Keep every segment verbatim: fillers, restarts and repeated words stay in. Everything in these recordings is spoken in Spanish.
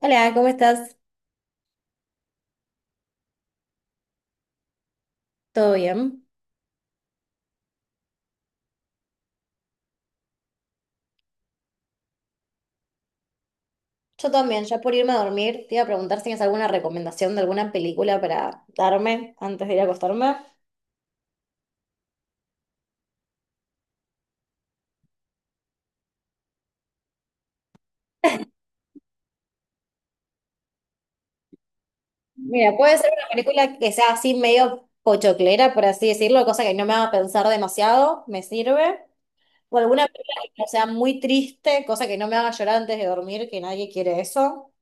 Hola, ¿cómo estás? ¿Todo bien? Yo también, ya por irme a dormir, te iba a preguntar si tienes alguna recomendación de alguna película para darme antes de ir a acostarme. Mira, puede ser una película que sea así medio pochoclera, por así decirlo, cosa que no me haga pensar demasiado, me sirve. O alguna película que no sea muy triste, cosa que no me haga llorar antes de dormir, que nadie quiere eso.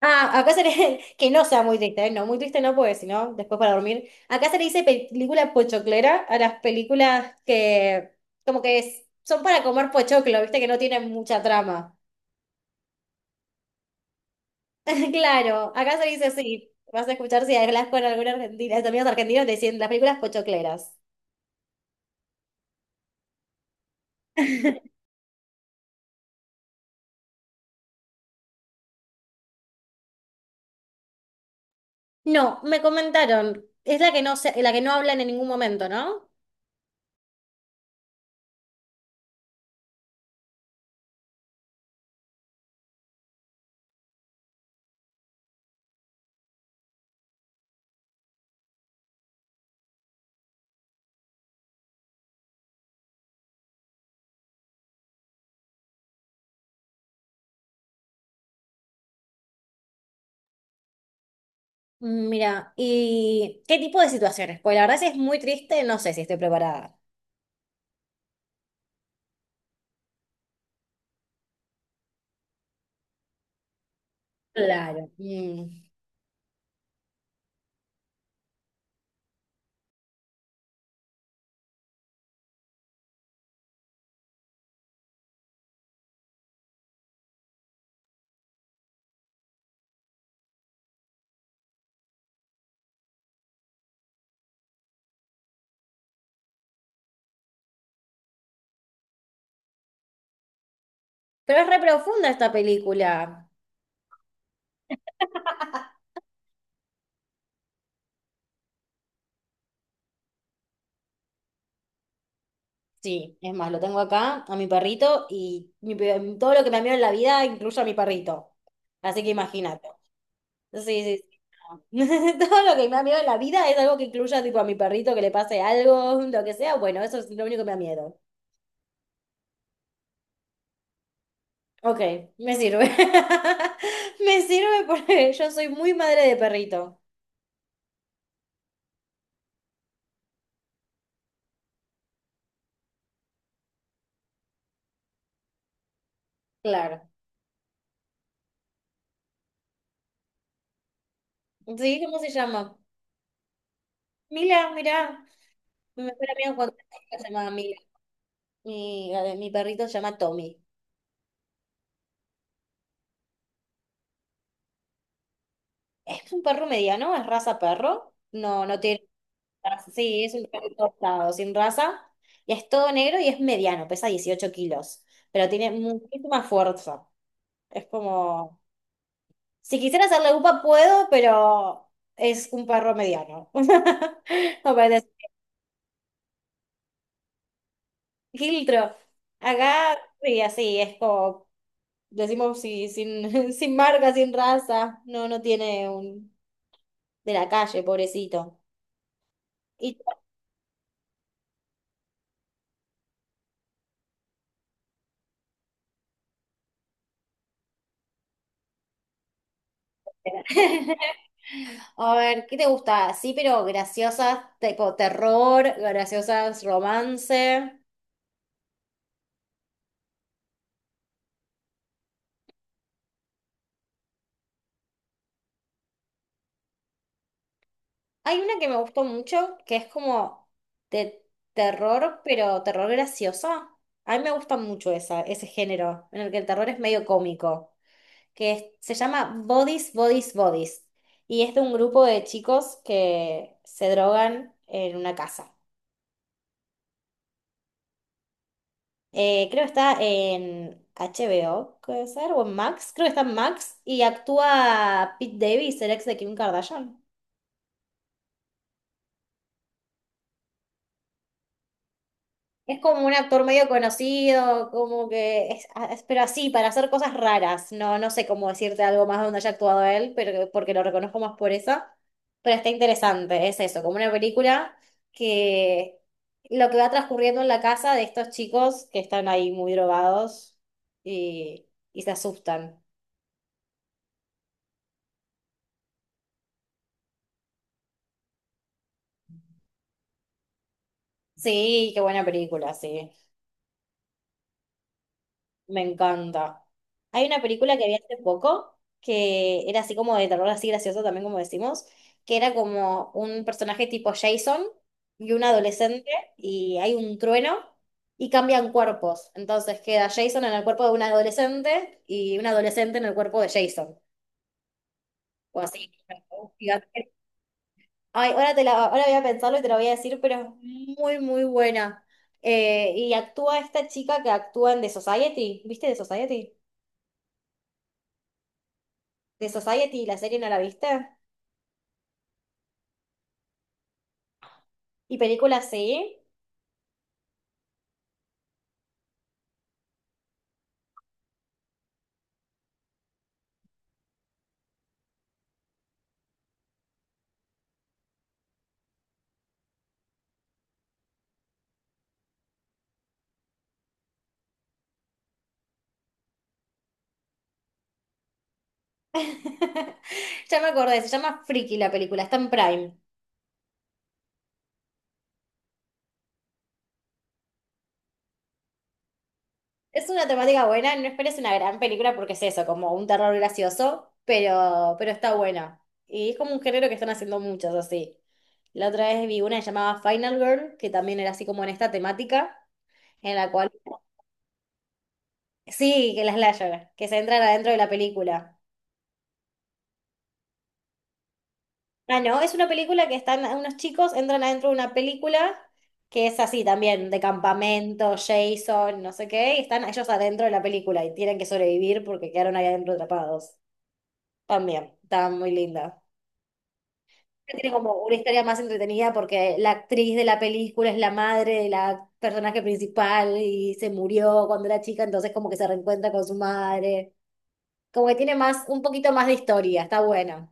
Ah, acá se le... que no sea muy triste, ¿eh? No, muy triste no, porque si no, después para dormir. Acá se le dice película pochoclera a las películas que como que es- son para comer pochoclo, viste que no tienen mucha trama. Claro, acá se le dice así. Vas a escuchar si hablas con alguna argentina, amigos argentinos te dicen las películas pochocleras. No, me comentaron. Es la que no se- la que no hablan en ningún momento, ¿no? Mm, Mira, ¿y qué tipo de situaciones? Pues la verdad, si es muy triste, no sé si estoy preparada. Claro. Mm. Pero es re profunda esta película. Sí, es más, lo tengo acá a mi perrito y mi pe- todo lo que me miedo en la vida incluye a mi perrito. Así que imagínate. Sí, sí, sí. Todo lo que me da miedo en la vida es algo que incluya tipo a mi perrito que le pase algo, lo que sea. Bueno, eso es lo único que me da miedo. Ok, me sirve. Me sirve porque yo soy muy madre de perrito. Claro. Sí, ¿cómo se llama? Mila, mirá. Me suena bien cuando se llama Mila. Mi, eh, mi perrito se llama Tommy. Es un perro mediano, es raza perro. No, no tiene raza. Sí, es un perro cortado, sin raza. Y es todo negro y es mediano, pesa dieciocho kilos. Pero tiene muchísima fuerza. Es como. Si quisiera hacerle upa, puedo, pero es un perro mediano. No parece filtro. Acá, sí, así, es como decimos si- sin, sin marca, sin raza. No, no tiene un... De la calle, pobrecito. Y... A ver, ¿qué te gusta? Sí, pero graciosas, tipo terror, graciosas, romance. Hay una que me gustó mucho, que es como de terror, pero terror graciosa. A mí me gusta mucho esa, ese género, en el que el terror es medio cómico. Que es- se llama Bodies, Bodies, Bodies. Y es de un grupo de chicos que se drogan en una casa. Eh, creo que está en H B O, puede ser, o en Max. Creo que está en Max y actúa Pete Davis, el ex de Kim Kardashian. Es como un actor medio conocido, como que es, ah, es- pero así, para hacer cosas raras. No, no sé cómo decirte algo más donde haya actuado él, pero porque lo reconozco más por eso. Pero está interesante, es eso, como una película que lo que va transcurriendo en la casa de estos chicos que están ahí muy drogados y, y se asustan. Sí, qué buena película, sí. Me encanta. Hay una película que vi hace poco que era así como de terror, así gracioso también, como decimos, que era como un personaje tipo Jason y un adolescente y hay un trueno y cambian cuerpos. Entonces queda Jason en el cuerpo de un adolescente y un adolescente en el cuerpo de Jason. O así. Un gigante. Ay, ahora, te la, ahora voy a pensarlo y te lo voy a decir, pero es muy, muy buena. Eh, y actúa esta chica que actúa en The Society. ¿Viste The Society? De Society, la serie no la viste. Y película sí. Ya me acordé, se llama Freaky la película, está en Prime. Es una temática buena, no esperes una gran película porque es eso, como un terror gracioso, pero, pero está buena. Y es como un género que están haciendo muchos así. La otra vez vi una llamada Final Girl, que también era así como en esta temática, en la cual... Sí, que la slasher, que se entran adentro de la película. Ah, no, es una película que están unos chicos, entran adentro de una película que es así también, de campamento, Jason, no sé qué, y están ellos adentro de la película y tienen que sobrevivir porque quedaron ahí adentro atrapados. También, está muy linda. Tiene como una historia más entretenida porque la actriz de la película es la madre de la personaje principal y se murió cuando era chica, entonces como que se reencuentra con su madre. Como que tiene más, un poquito más de historia, está buena.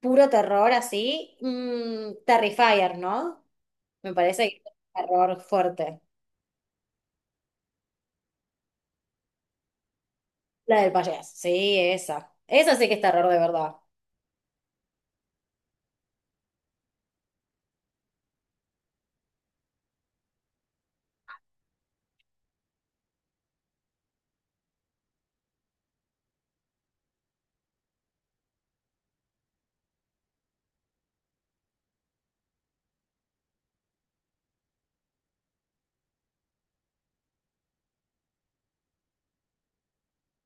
Puro terror así, mm, Terrifier, ¿no? Me parece que es un error fuerte. La del payaso. Sí, esa. Esa sí que es terror de verdad.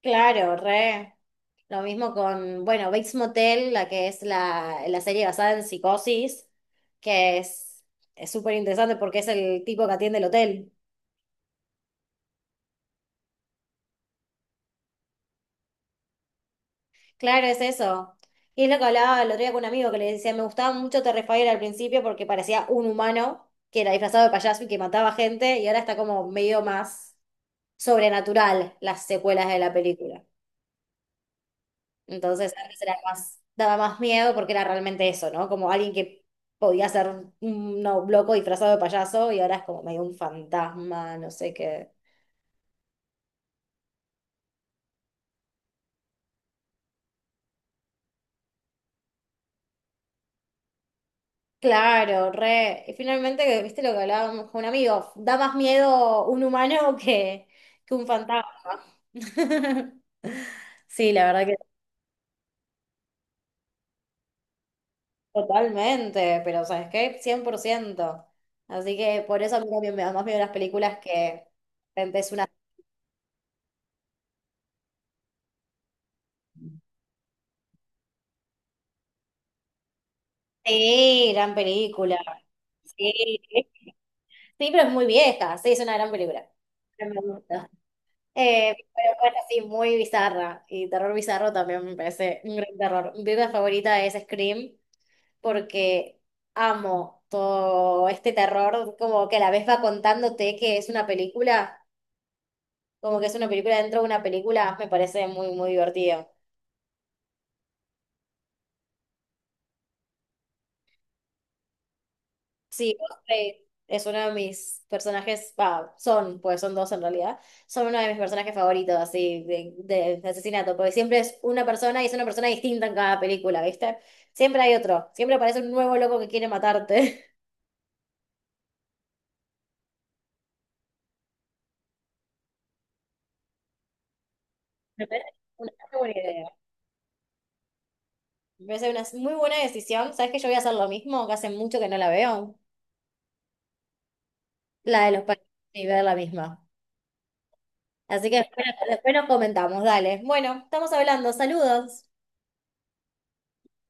Claro, re. Lo mismo con, bueno, Bates Motel, la que es la, la serie basada en Psicosis, que es es súper interesante porque es el tipo que atiende el hotel. Claro, es eso. Y es lo que hablaba el otro día con un amigo que le decía, me gustaba mucho Terrifier al principio porque parecía un humano que era disfrazado de payaso y que mataba gente y ahora está como medio más sobrenatural las secuelas de la película. Entonces antes era más, daba más miedo porque era realmente eso, ¿no? Como alguien que podía ser un no, loco disfrazado de payaso y ahora es como medio un fantasma, no sé qué. Claro, re. Y finalmente, ¿viste lo que hablábamos con un amigo? Da más miedo un humano que, que un fantasma. Sí, la verdad que totalmente, pero ¿sabes qué? Cien por ciento. Así que por eso a mí también me da más miedo las películas que de repente es una... Sí, gran película. Sí. Sí, pero es muy vieja. Sí, es una gran película. Pero me gusta. Eh, pero bueno, sí, muy bizarra. Y terror bizarro también me parece un gran terror. Mi película favorita es Scream porque amo todo este terror. Como que a la vez va contándote que es una película, como que es una película dentro de una película, me parece muy, muy divertido. Sí, Ghostface es uno de mis personajes, va, son, pues son dos en realidad, son uno de mis personajes favoritos, así, de, de- de asesinato, porque siempre es una persona y es una persona distinta en cada película, ¿viste? Siempre hay otro, siempre aparece un nuevo loco que quiere matarte. Me parece una muy buena idea. Me parece una muy buena decisión. ¿Sabes que yo voy a hacer lo mismo? Que hace mucho que no la veo. La de los países y ver la misma. Así que después después nos comentamos, dale. Bueno, estamos hablando, saludos.